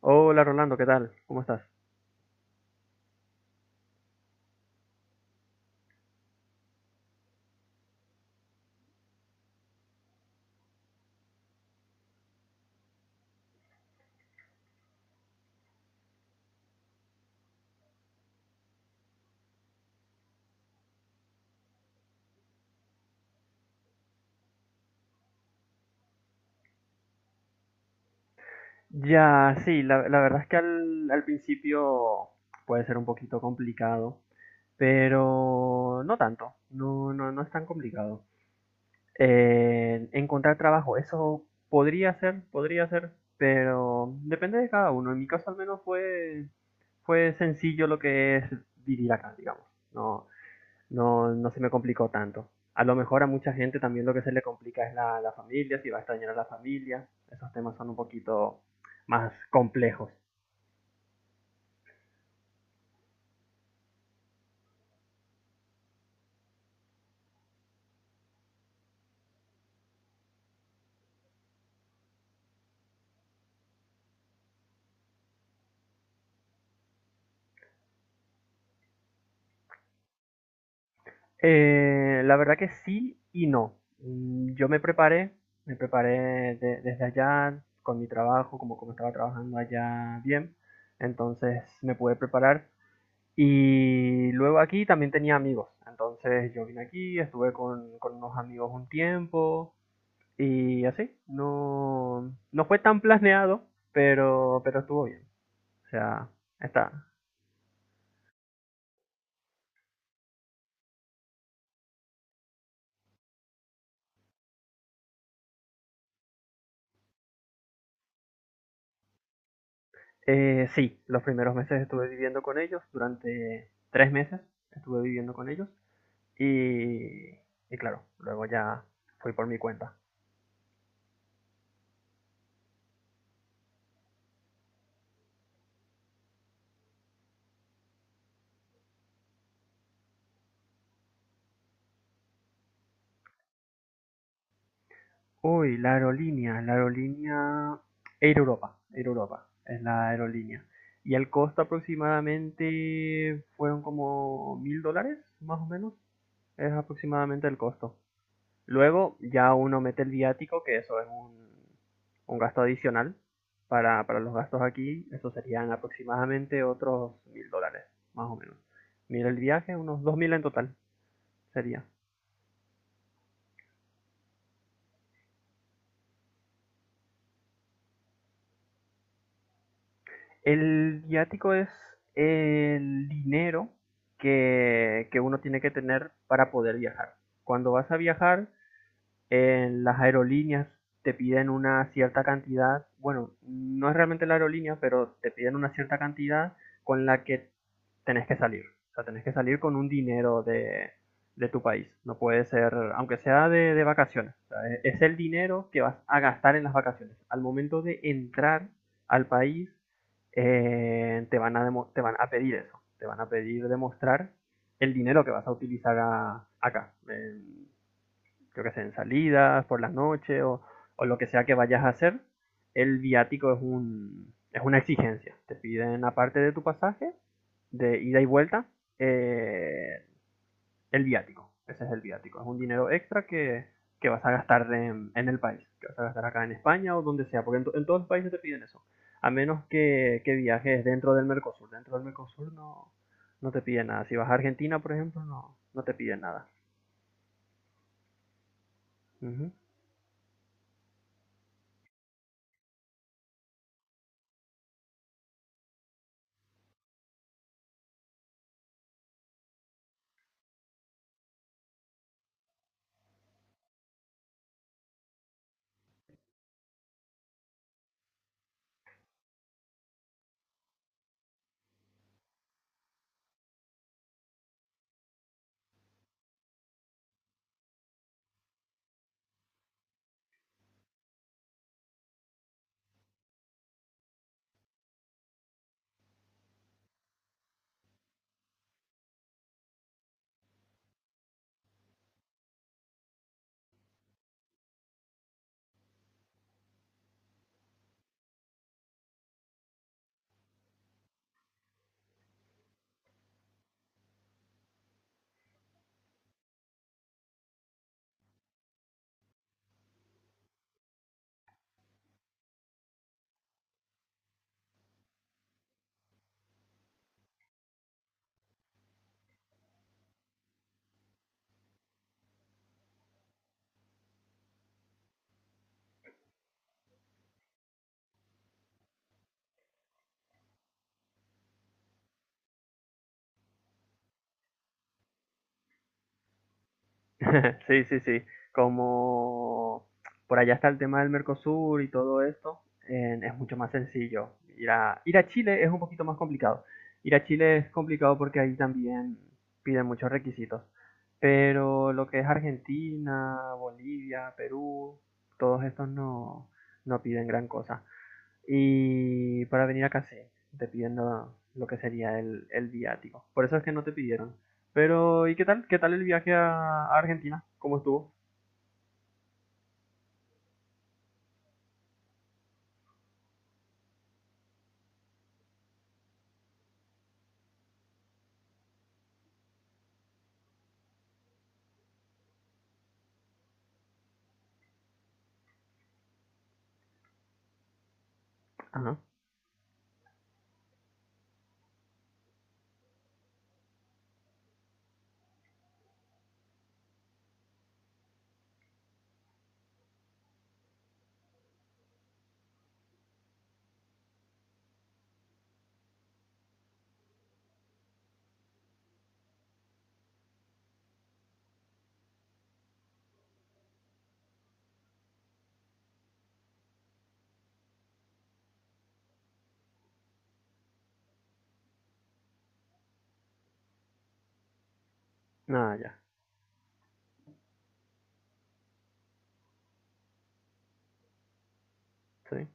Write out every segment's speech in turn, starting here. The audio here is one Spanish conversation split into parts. Hola Rolando, ¿qué tal? ¿Cómo estás? Ya, sí, la verdad es que al principio puede ser un poquito complicado, pero no tanto, no, no es tan complicado. Encontrar trabajo, eso podría ser, pero depende de cada uno. En mi caso al menos fue sencillo lo que es vivir acá, digamos. No, no se me complicó tanto. A lo mejor a mucha gente también lo que se le complica es la familia, si va a extrañar a la familia. Esos temas son un poquito más complejos. La verdad que sí y no. Mm, yo me preparé desde allá con mi trabajo, como estaba trabajando allá bien. Entonces me pude preparar. Y luego aquí también tenía amigos. Entonces yo vine aquí, estuve con unos amigos un tiempo. Y así, no, no fue tan planeado, pero estuvo bien. O sea, está. Sí, los primeros meses estuve viviendo con ellos, durante 3 meses estuve viviendo con ellos. Y, y claro, luego ya fui por mi cuenta. Uy, la aerolínea Air Europa, Air Europa es la aerolínea. Y el costo aproximadamente fueron como $1000, más o menos. Es aproximadamente el costo. Luego ya uno mete el viático, que eso es un gasto adicional para los gastos aquí. Eso serían aproximadamente otros $1000, más o menos. Mira el viaje, unos 2000 en total sería. El viático es el dinero que uno tiene que tener para poder viajar. Cuando vas a viajar, en las aerolíneas te piden una cierta cantidad, bueno, no es realmente la aerolínea, pero te piden una cierta cantidad con la que tenés que salir. O sea, tenés que salir con un dinero de tu país. No puede ser, aunque sea de vacaciones. O sea, es el dinero que vas a gastar en las vacaciones. Al momento de entrar al país, van a te van a pedir eso. Te van a pedir demostrar el dinero que vas a utilizar acá. Creo que sea en salidas, por la noche o lo que sea que vayas a hacer, el viático es, es una exigencia. Te piden, aparte de tu pasaje, de ida y vuelta, eh, el viático. Ese es el viático. Es un dinero extra que vas a gastar en el país, que vas a gastar acá en España o donde sea, porque en todos los países te piden eso. A menos que viajes dentro del Mercosur. Dentro del Mercosur no, no te piden nada. Si vas a Argentina, por ejemplo, no, no te piden nada. Uh -huh. Sí, sí, sí. Como por allá está el tema del Mercosur y todo esto, es mucho más sencillo. Ir a, ir a Chile es un poquito más complicado. Ir a Chile es complicado porque ahí también piden muchos requisitos. Pero lo que es Argentina, Bolivia, Perú, todos estos no, no piden gran cosa. Y para venir a Casé te pidiendo lo, que sería el viático. Por eso es que no te pidieron. Pero, ¿y qué tal? ¿Qué tal el viaje a Argentina? ¿Cómo estuvo? Ajá. Nada, ah, ya. Sí.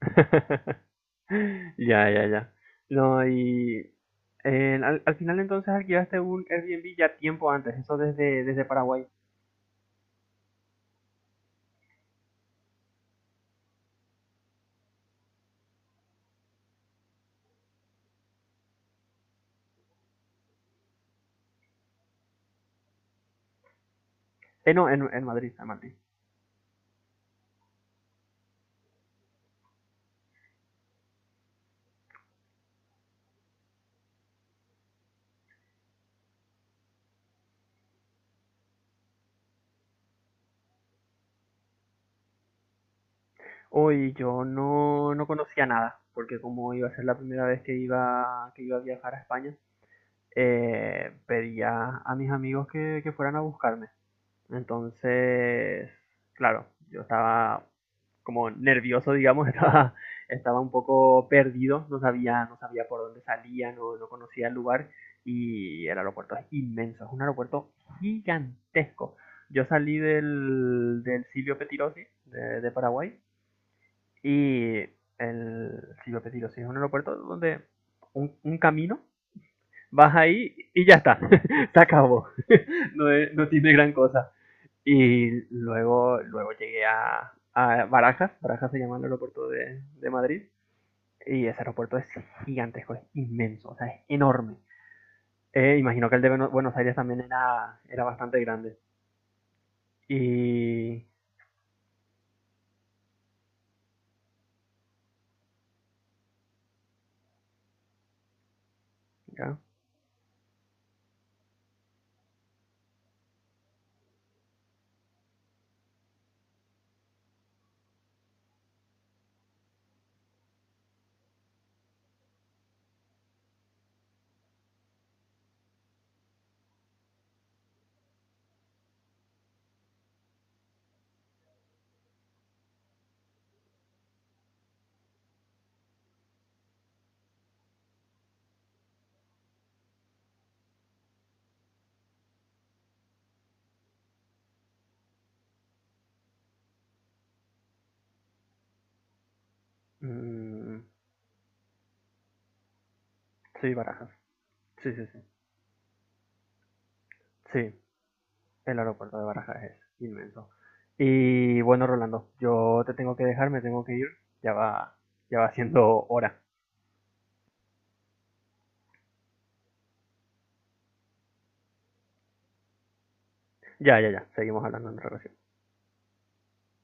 Ya, ya, ya. No, y al final entonces alquilaste un Airbnb ya tiempo antes, eso desde, desde Paraguay. No, en Madrid, en Madrid. Hoy yo no, no conocía nada, porque como iba a ser la primera vez que iba a viajar a España, pedía a mis amigos que fueran a buscarme. Entonces, claro, yo estaba como nervioso, digamos, estaba un poco perdido, no sabía por dónde salía, no, no conocía el lugar y el aeropuerto es inmenso, es un aeropuerto gigantesco. Yo salí del Silvio Petirosi de Paraguay y el Silvio Petirosi es un aeropuerto donde un camino vas ahí y ya está, se acabó, no, no tiene gran cosa. Y luego llegué a Barajas, Barajas se llama el aeropuerto de Madrid, y ese aeropuerto es gigantesco, es inmenso, o sea, es enorme. Imagino que el de Buenos Aires también era bastante grande. Y... ¿Ya? Mm, sí, Barajas, sí, sí, sí. Sí, el aeropuerto de Barajas es inmenso. Y bueno, Rolando, yo te tengo que dejar, me tengo que ir. Ya va, ya va siendo hora. Ya, ya, ya. Seguimos hablando en relación.